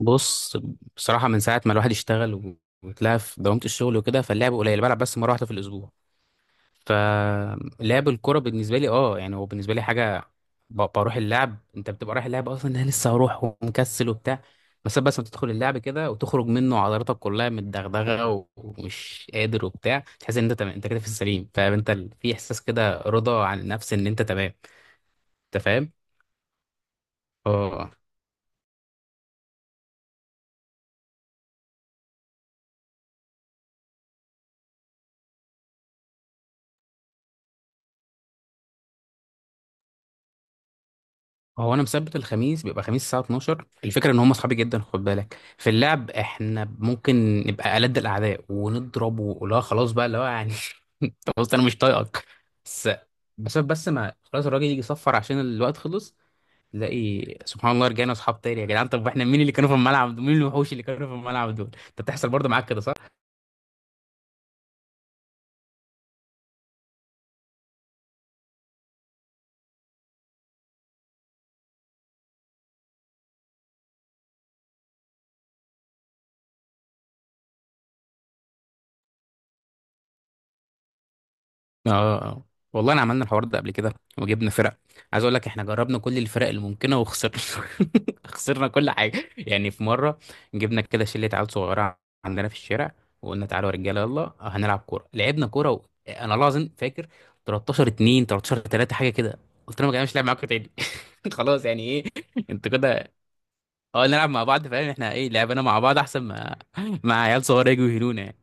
بص، بصراحة من ساعة ما الواحد اشتغل وتلاقى في دوامة الشغل وكده، فاللعب قليل، بلعب بس مرة واحدة في الأسبوع. فلعب الكرة بالنسبة لي يعني هو بالنسبة لي حاجة، بروح اللعب. انت بتبقى رايح اللعب اصلا، انا لسه هروح ومكسل وبتاع، بس ما تدخل اللعب كده وتخرج منه عضلاتك كلها متدغدغة ومش قادر وبتاع، تحس ان انت تمام، انت كده في السليم، فانت في احساس كده رضا عن النفس ان انت تمام، انت فاهم؟ اه هو انا مثبت الخميس، بيبقى خميس الساعه 12. الفكره ان هم اصحابي جدا، خد بالك، في اللعب احنا ممكن نبقى ألد الاعداء ونضرب، ولا خلاص بقى اللي هو يعني. خلاص انا مش طايقك. بس بس ما خلاص الراجل يجي يصفر عشان الوقت خلص، تلاقي سبحان الله رجعنا اصحاب تاني. يا جدعان، طب احنا مين اللي كانوا في الملعب دول؟ مين الوحوش اللي كانوا في الملعب دول؟ انت بتحصل برضه معاك كده صح؟ اه اه آه. والله انا عملنا الحوار ده قبل كده، وجبنا فرق. عايز اقول لك، احنا جربنا كل الفرق الممكنه وخسرنا. خسرنا كل حاجه. يعني في مره جبنا كده شله عيال صغيره عندنا في الشارع، وقلنا تعالوا يا رجاله يلا هنلعب كوره، لعبنا كوره و انا والله العظيم فاكر 13 2 13 3 حاجه كده. قلت لهم يا جماعه مش لاعب معاكم تاني. خلاص، يعني ايه؟ انتوا كده، اه نلعب مع بعض. فاهم احنا ايه؟ لعبنا مع بعض احسن ما مع عيال صغيره يجوا يهنونا يعني،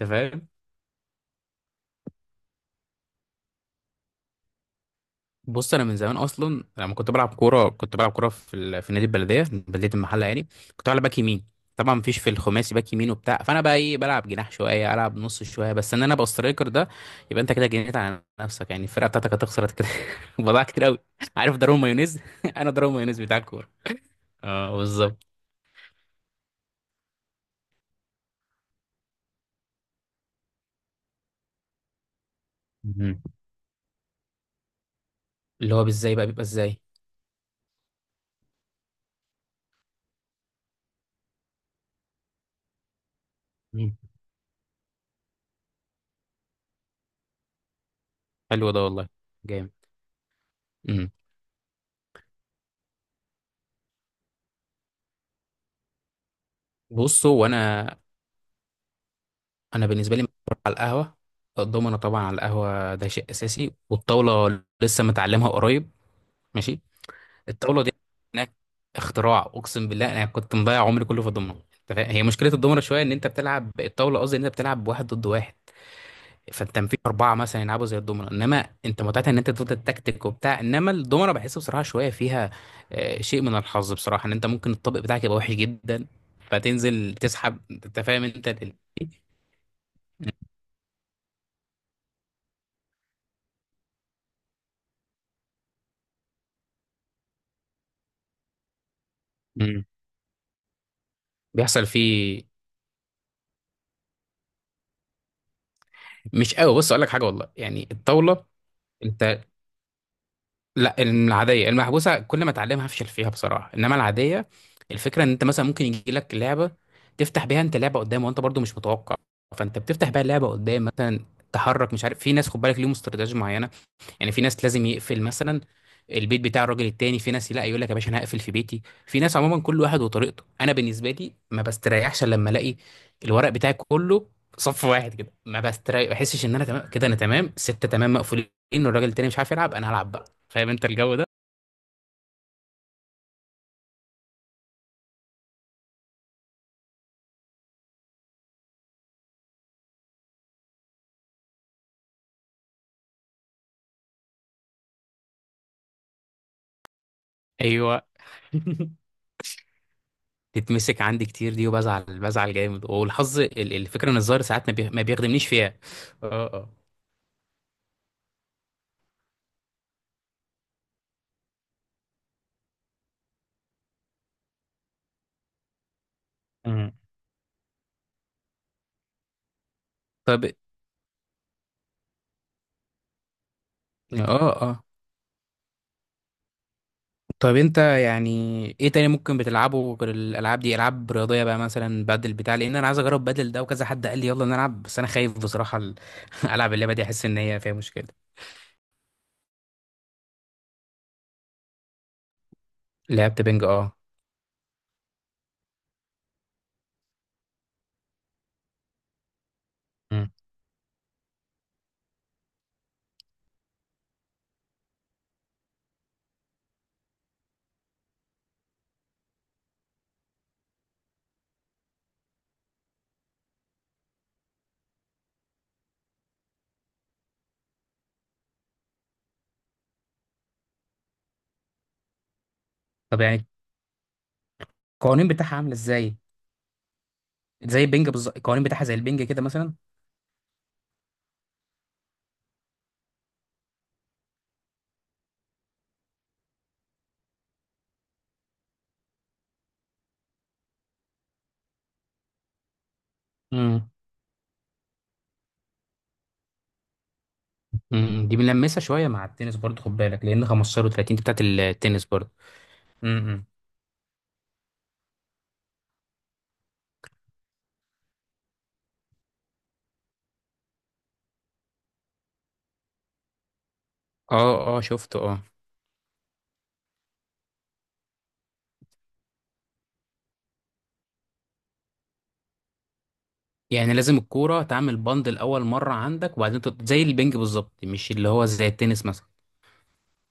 انت فاهم؟ بص انا من زمان اصلا لما كنت بلعب كوره، كنت بلعب كوره في نادي البلديه، بلديه المحله يعني. كنت بلعب باك يمين، طبعا مفيش في الخماسي باك يمين وبتاع، فانا بقى ايه، بلعب جناح شويه، العب نص شويه، بس ان انا ابقى سترايكر ده، يبقى انت كده جنيت على نفسك يعني، الفرقه بتاعتك هتخسر كده. بضاعة كتير قوي، عارف؟ ضرب مايونيز. انا ضرب مايونيز بتاع الكوره. اه بالظبط. مهم. اللي هو بالزاي بقى بيبقى ازاي؟ مم. حلو ده والله، جامد. مم. بصوا، وانا بالنسبه لي مشروب على القهوه، الضمنه طبعا على القهوه ده شيء اساسي، والطاوله لسه متعلمها قريب، ماشي. الطاوله دي هناك اختراع، اقسم بالله انا كنت مضيع عمري كله في الضمنه. أنت فاهم؟ هي مشكله الضمنه شويه ان انت بتلعب الطاوله، قصدي ان انت بتلعب واحد ضد واحد، فانت في اربعه مثلا يلعبوا زي الضمنه، انما انت متعتها ان انت تفضل تكتيك وبتاع، انما الضمنه بحس بصراحه شويه فيها شيء من الحظ بصراحه، ان انت ممكن الطابق بتاعك يبقى وحش جدا فتنزل تسحب، انت فاهم انت مم. بيحصل فيه، مش قوي. بص اقول لك حاجه والله، يعني الطاوله انت، لا العاديه. المحبوسه كل ما اتعلمها هفشل فيها بصراحه، انما العاديه، الفكره ان انت مثلا ممكن يجي لك لعبه تفتح بيها انت لعبه قدام وانت برضو مش متوقع، فانت بتفتح بيها اللعبه قدام مثلا. تحرك، مش عارف، في ناس خد بالك ليهم استراتيجيه معينه، يعني في ناس لازم يقفل مثلا البيت بتاع الراجل التاني، في ناس لا، يقول لك يا باشا انا هقفل في بيتي، في ناس عموما كل واحد وطريقته. انا بالنسبه لي ما بستريحش إلا لما الاقي الورق بتاعي كله صف واحد كده، ما بستريح، ما بحسش ان انا تمام كده، انا تمام سته تمام مقفولين والراجل التاني مش عارف يلعب، انا هلعب بقى، فاهم انت الجو ده؟ ايوه. تتمسك عندي كتير دي وبزعل، بزعل جامد. والحظ الفكره ان الظاهر ساعات ما بيخدمنيش فيها. اه اه. مم. طب اه اه. طب انت يعني ايه تاني ممكن بتلعبه غير الالعاب دي؟ العاب رياضيه بقى، مثلا بدل بتاع لان انا عايز اجرب بدل ده، وكذا حد قال لي يلا نلعب، بس انا خايف بصراحه العب اللعبه دي، احس ان هي فيها مشكله. لعبت بينج، اه. مم. طب يعني القوانين بتاعها عامله ازاي؟ زي البينج بالظبط، القوانين بتاعها زي البينج كده مثلا؟ امم دي بنلمسها شويه مع التنس برضه، خد بالك، لان 15 و30 دي بتاعت التنس برضه. امم اه اه شفته اه. يعني لازم الكوره تعمل بند الاول مره عندك وبعدين زي البينج بالظبط، مش اللي هو زي التنس مثلا.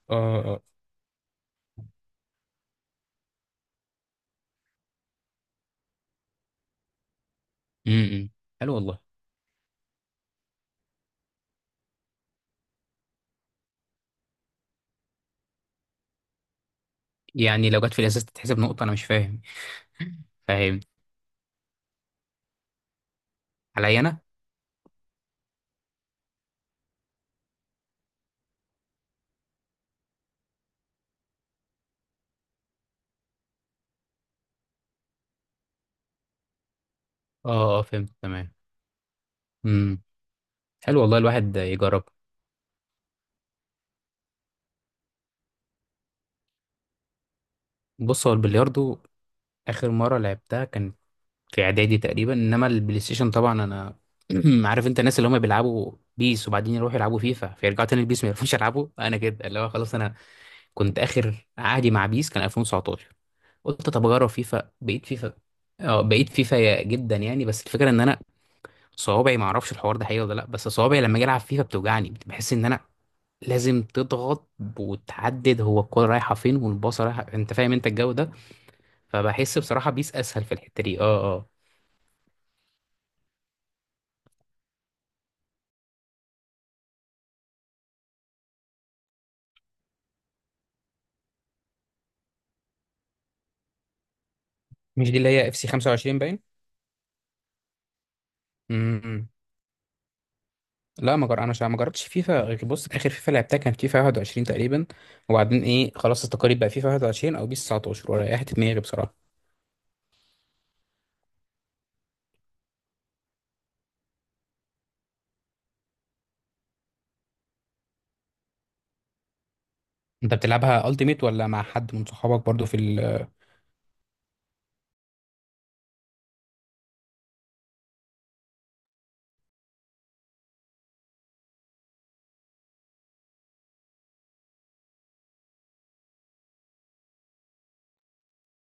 اه اه. امم حلو والله. يعني لو جت في الازاز تتحسب نقطة؟ انا مش فاهم. فاهم، عليا انا. اه اه فهمت تمام. امم حلو والله، الواحد يجرب. بص هو البلياردو اخر مرة لعبتها كانت في اعدادي تقريبا، انما البلاي ستيشن طبعا انا عارف انت الناس اللي هم بيلعبوا بيس وبعدين يروحوا يلعبوا فيفا فيرجعوا تاني البيس ما يعرفوش يلعبوا، انا كده اللي هو خلاص، انا كنت اخر عهدي مع بيس كان 2019. قلت طب اجرب فيفا، بقيت فيفا. اه بقيت فيفا جدا يعني، بس الفكره ان انا صوابعي، ما اعرفش الحوار ده حقيقي ولا لا، بس صوابعي لما اجي العب فيفا بتوجعني، بحس ان انا لازم تضغط وتحدد هو الكوره رايحه فين والباصه رايحه، انت فاهم انت الجو ده؟ فبحس بصراحه بيس اسهل في الحته دي. اه اه. مش دي اللي هي اف سي 25 باين؟ امم. لا ما جر... انا ما جربتش فيفا غير، بص اخر فيفا لعبتها كان فيفا 21 تقريبا، وبعدين ايه خلاص، التقارير بقى فيفا 21 او بيس 19، وريحت دماغي بصراحه. انت بتلعبها التيميت ولا مع حد من صحابك برضو في؟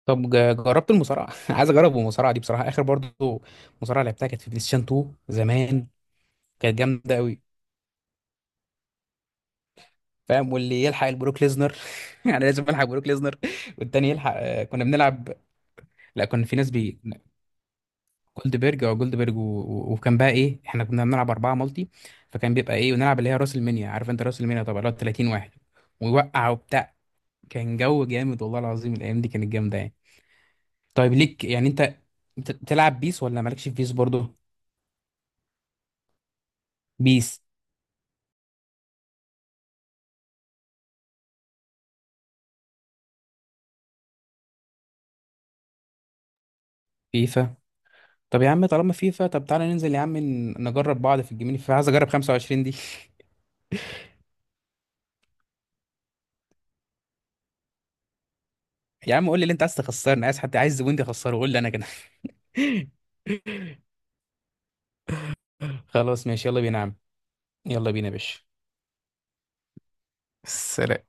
طب جربت المصارعه؟ عايز اجرب المصارعه دي بصراحه، اخر برضو مصارعه لعبتها كانت في بلاي ستيشن 2 زمان، كانت جامده قوي، فاهم؟ واللي يلحق البروك ليزنر. يعني لازم الحق بروك ليزنر، والتاني يلحق كنا بنلعب. لا كان في ناس بي جولدبرج او جولدبرج و... و- وكان بقى ايه، احنا كنا بنلعب اربعه مالتي، فكان بيبقى ايه، ونلعب اللي هي راس المنيا، عارف انت راس المنيا طبعا، اللي هو 30 واحد ويوقع وبتاع. كان جو جامد والله العظيم، الايام دي كانت جامده يعني. طيب ليك يعني انت بتلعب بيس، ولا مالكش في بيس برضو؟ بيس، فيفا. طب يا عم طالما فيفا، طب تعالى ننزل يا عم نجرب بعض في الجيمين، فيفا عايز اجرب 25 دي. يا عم قول لي اللي انت عايز، تخسرني؟ عايز حد، عايز زبون تخسره؟ قول لي انا كده. خلاص ماشي يلا بينا يا عم، يلا بينا يا باشا. سلام.